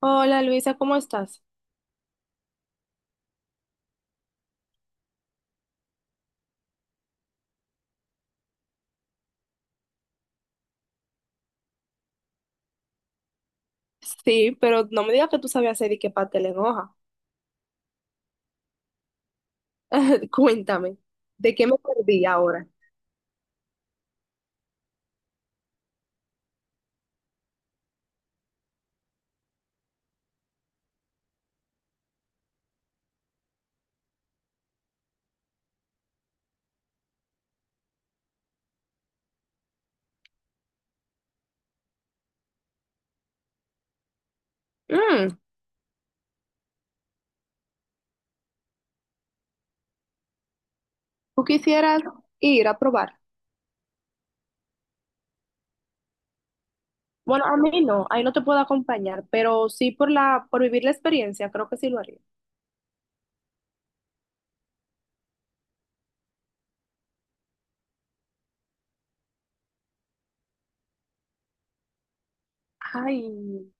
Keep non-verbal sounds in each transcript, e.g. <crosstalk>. Hola Luisa, ¿cómo estás? Sí, pero no me digas que tú sabías hacer y que pastel en hoja. <laughs> Cuéntame, ¿de qué me perdí ahora? Mm, ¿tú quisieras ir a probar? Bueno, a mí no, ahí no te puedo acompañar, pero sí por vivir la experiencia, creo que sí lo haría. Ay,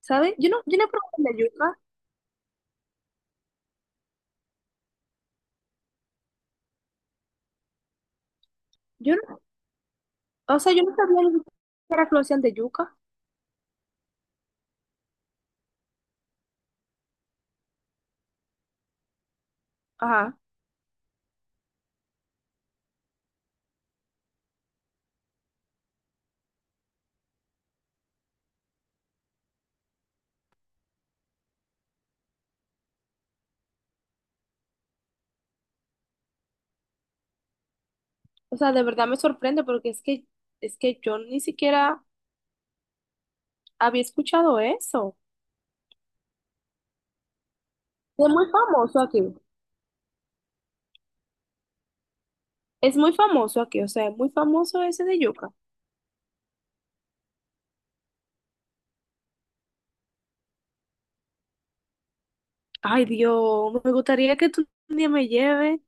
¿sabes? Yo no he probado el de yuca. Yo no- O sea, yo no sabía ni siquiera que lo hacían de yuca. Ajá. O sea, de verdad me sorprende porque es que yo ni siquiera había escuchado eso. Es muy famoso aquí. Es muy famoso aquí, o sea, es muy famoso ese de yuca. Ay, Dios, me gustaría que tú un día me lleves.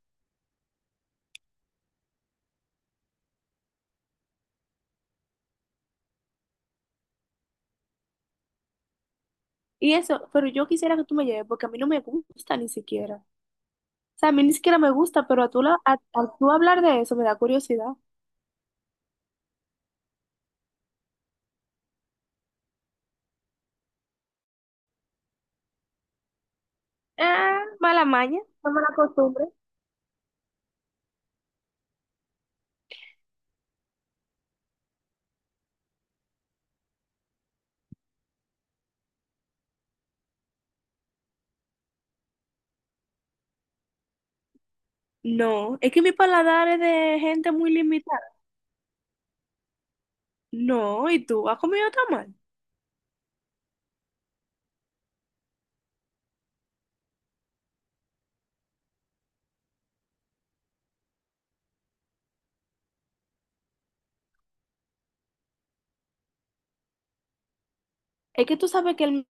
Y eso, pero yo quisiera que tú me lleves porque a mí no me gusta ni siquiera. O sea, a mí ni siquiera me gusta, pero a tú hablar de eso me da curiosidad. Ah, mala maña, no, mala costumbre. No, es que mi paladar es de gente muy limitada. No, ¿y tú has comido tamal? Es que tú sabes que el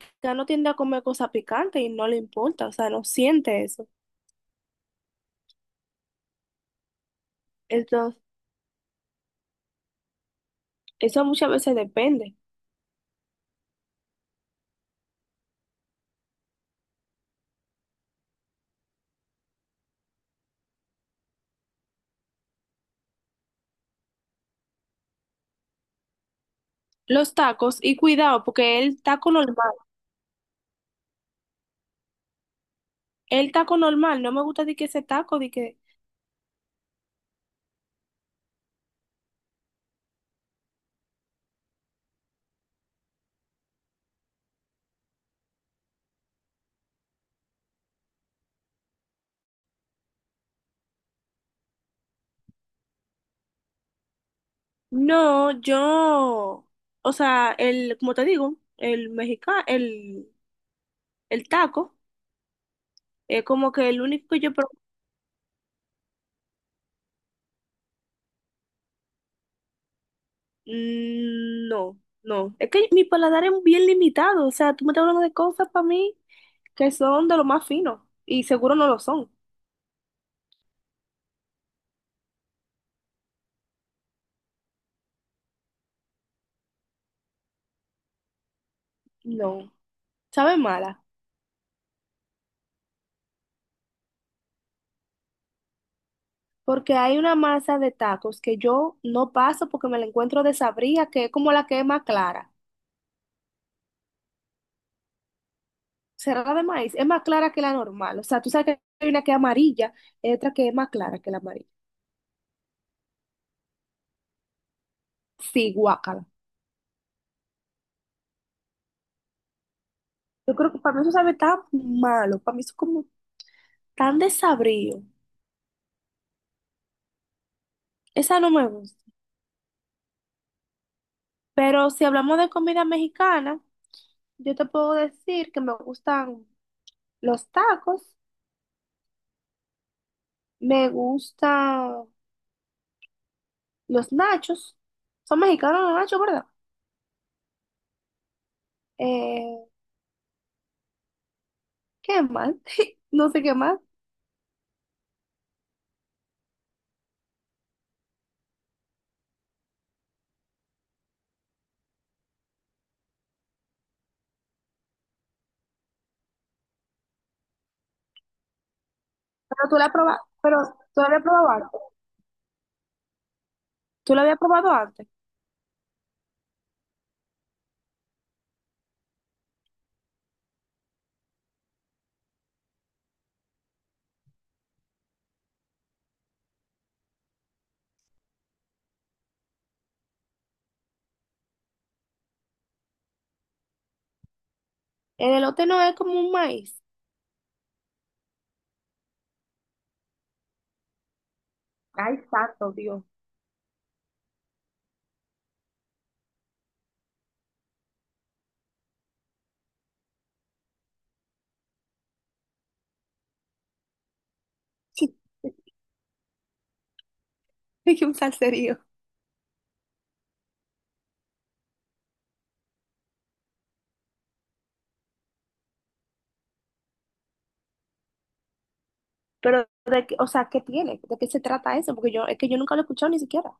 mexicano tiende a comer cosas picantes y no le importa, o sea, no siente eso. Entonces, eso muchas veces depende. Los tacos, y cuidado, porque el taco normal, no me gusta de que ese taco, de que, no, yo, o sea, el, como te digo, el mexicano, el taco, es como que el único que mm, no, no, es que mi paladar es bien limitado, o sea, tú me estás hablando de cosas para mí que son de lo más fino, y seguro no lo son, no, sabe mala. Porque hay una masa de tacos que yo no paso porque me la encuentro de sabría, que es como la que es más clara. Cerrada de maíz, es más clara que la normal. O sea, tú sabes que hay una que es amarilla y otra que es más clara que la amarilla. Sí, guácala. Yo creo que para mí eso sabe tan malo, para mí eso es como tan desabrido. Esa no me gusta. Pero si hablamos de comida mexicana, yo te puedo decir que me gustan los tacos, me gustan los nachos. Son mexicanos los nachos, ¿verdad? Eh, ¿Qué más? <laughs> No sé qué más. Pero tú la probaste, pero tú la habías probado antes. Tú la habías probado antes. El elote no es como un maíz. Ay, santo Dios. <laughs> Es un salserío. O sea, ¿qué tiene? ¿De qué se trata eso? Porque yo, es que yo nunca lo he escuchado ni siquiera.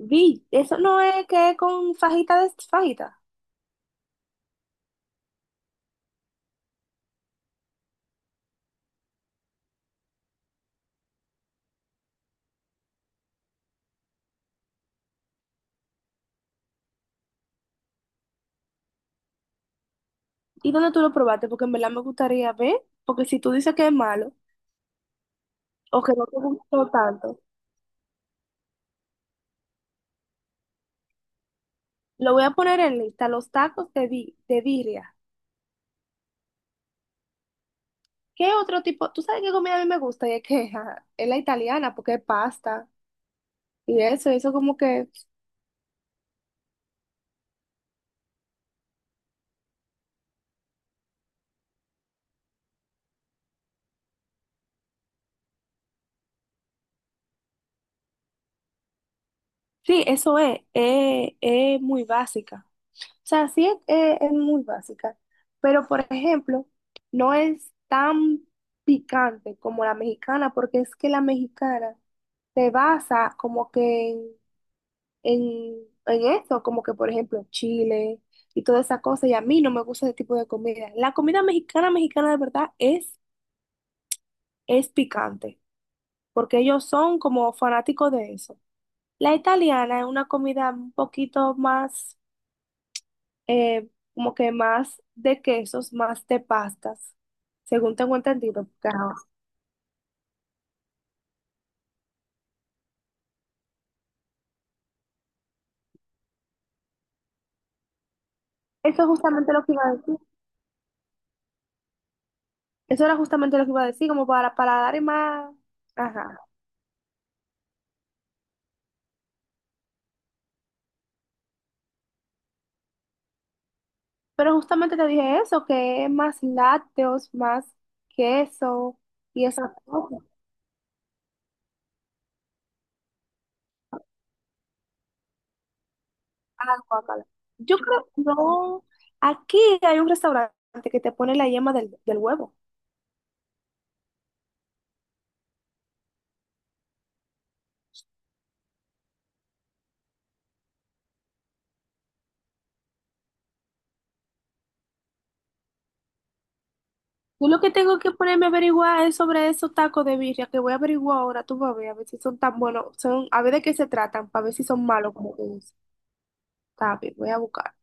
Vi, eso no es que es con fajita. ¿Y dónde tú lo probaste? Porque en verdad me gustaría ver. Porque si tú dices que es malo o que no te gustó tanto, lo voy a poner en lista, los tacos de birria. ¿Qué otro tipo? ¿Tú sabes qué comida a mí me gusta? Y es que ajá, es la italiana, porque es pasta y eso como que, sí, eso es muy básica. O sea, es muy básica, pero por ejemplo, no es tan picante como la mexicana, porque es que la mexicana se basa como que en, en eso, como que por ejemplo chile y toda esa cosa, y a mí no me gusta ese tipo de comida. La comida mexicana, mexicana de verdad es picante, porque ellos son como fanáticos de eso. La italiana es una comida un poquito más, como que más de quesos, más de pastas, según tengo entendido, porque, ajá, eso es justamente lo que iba a decir. Eso era justamente lo que iba a decir, como para dar más. Ajá. Pero justamente te dije eso, que es más lácteos, más queso y eso. Ah, guacala. Yo creo, no, aquí hay un restaurante que te pone la yema del huevo. Yo lo que tengo que ponerme a averiguar es sobre esos tacos de birria que voy a averiguar ahora, tú vas a ver si son tan buenos, son, a ver de qué se tratan, para ver si son malos como tú dices. Está bien, voy a buscar.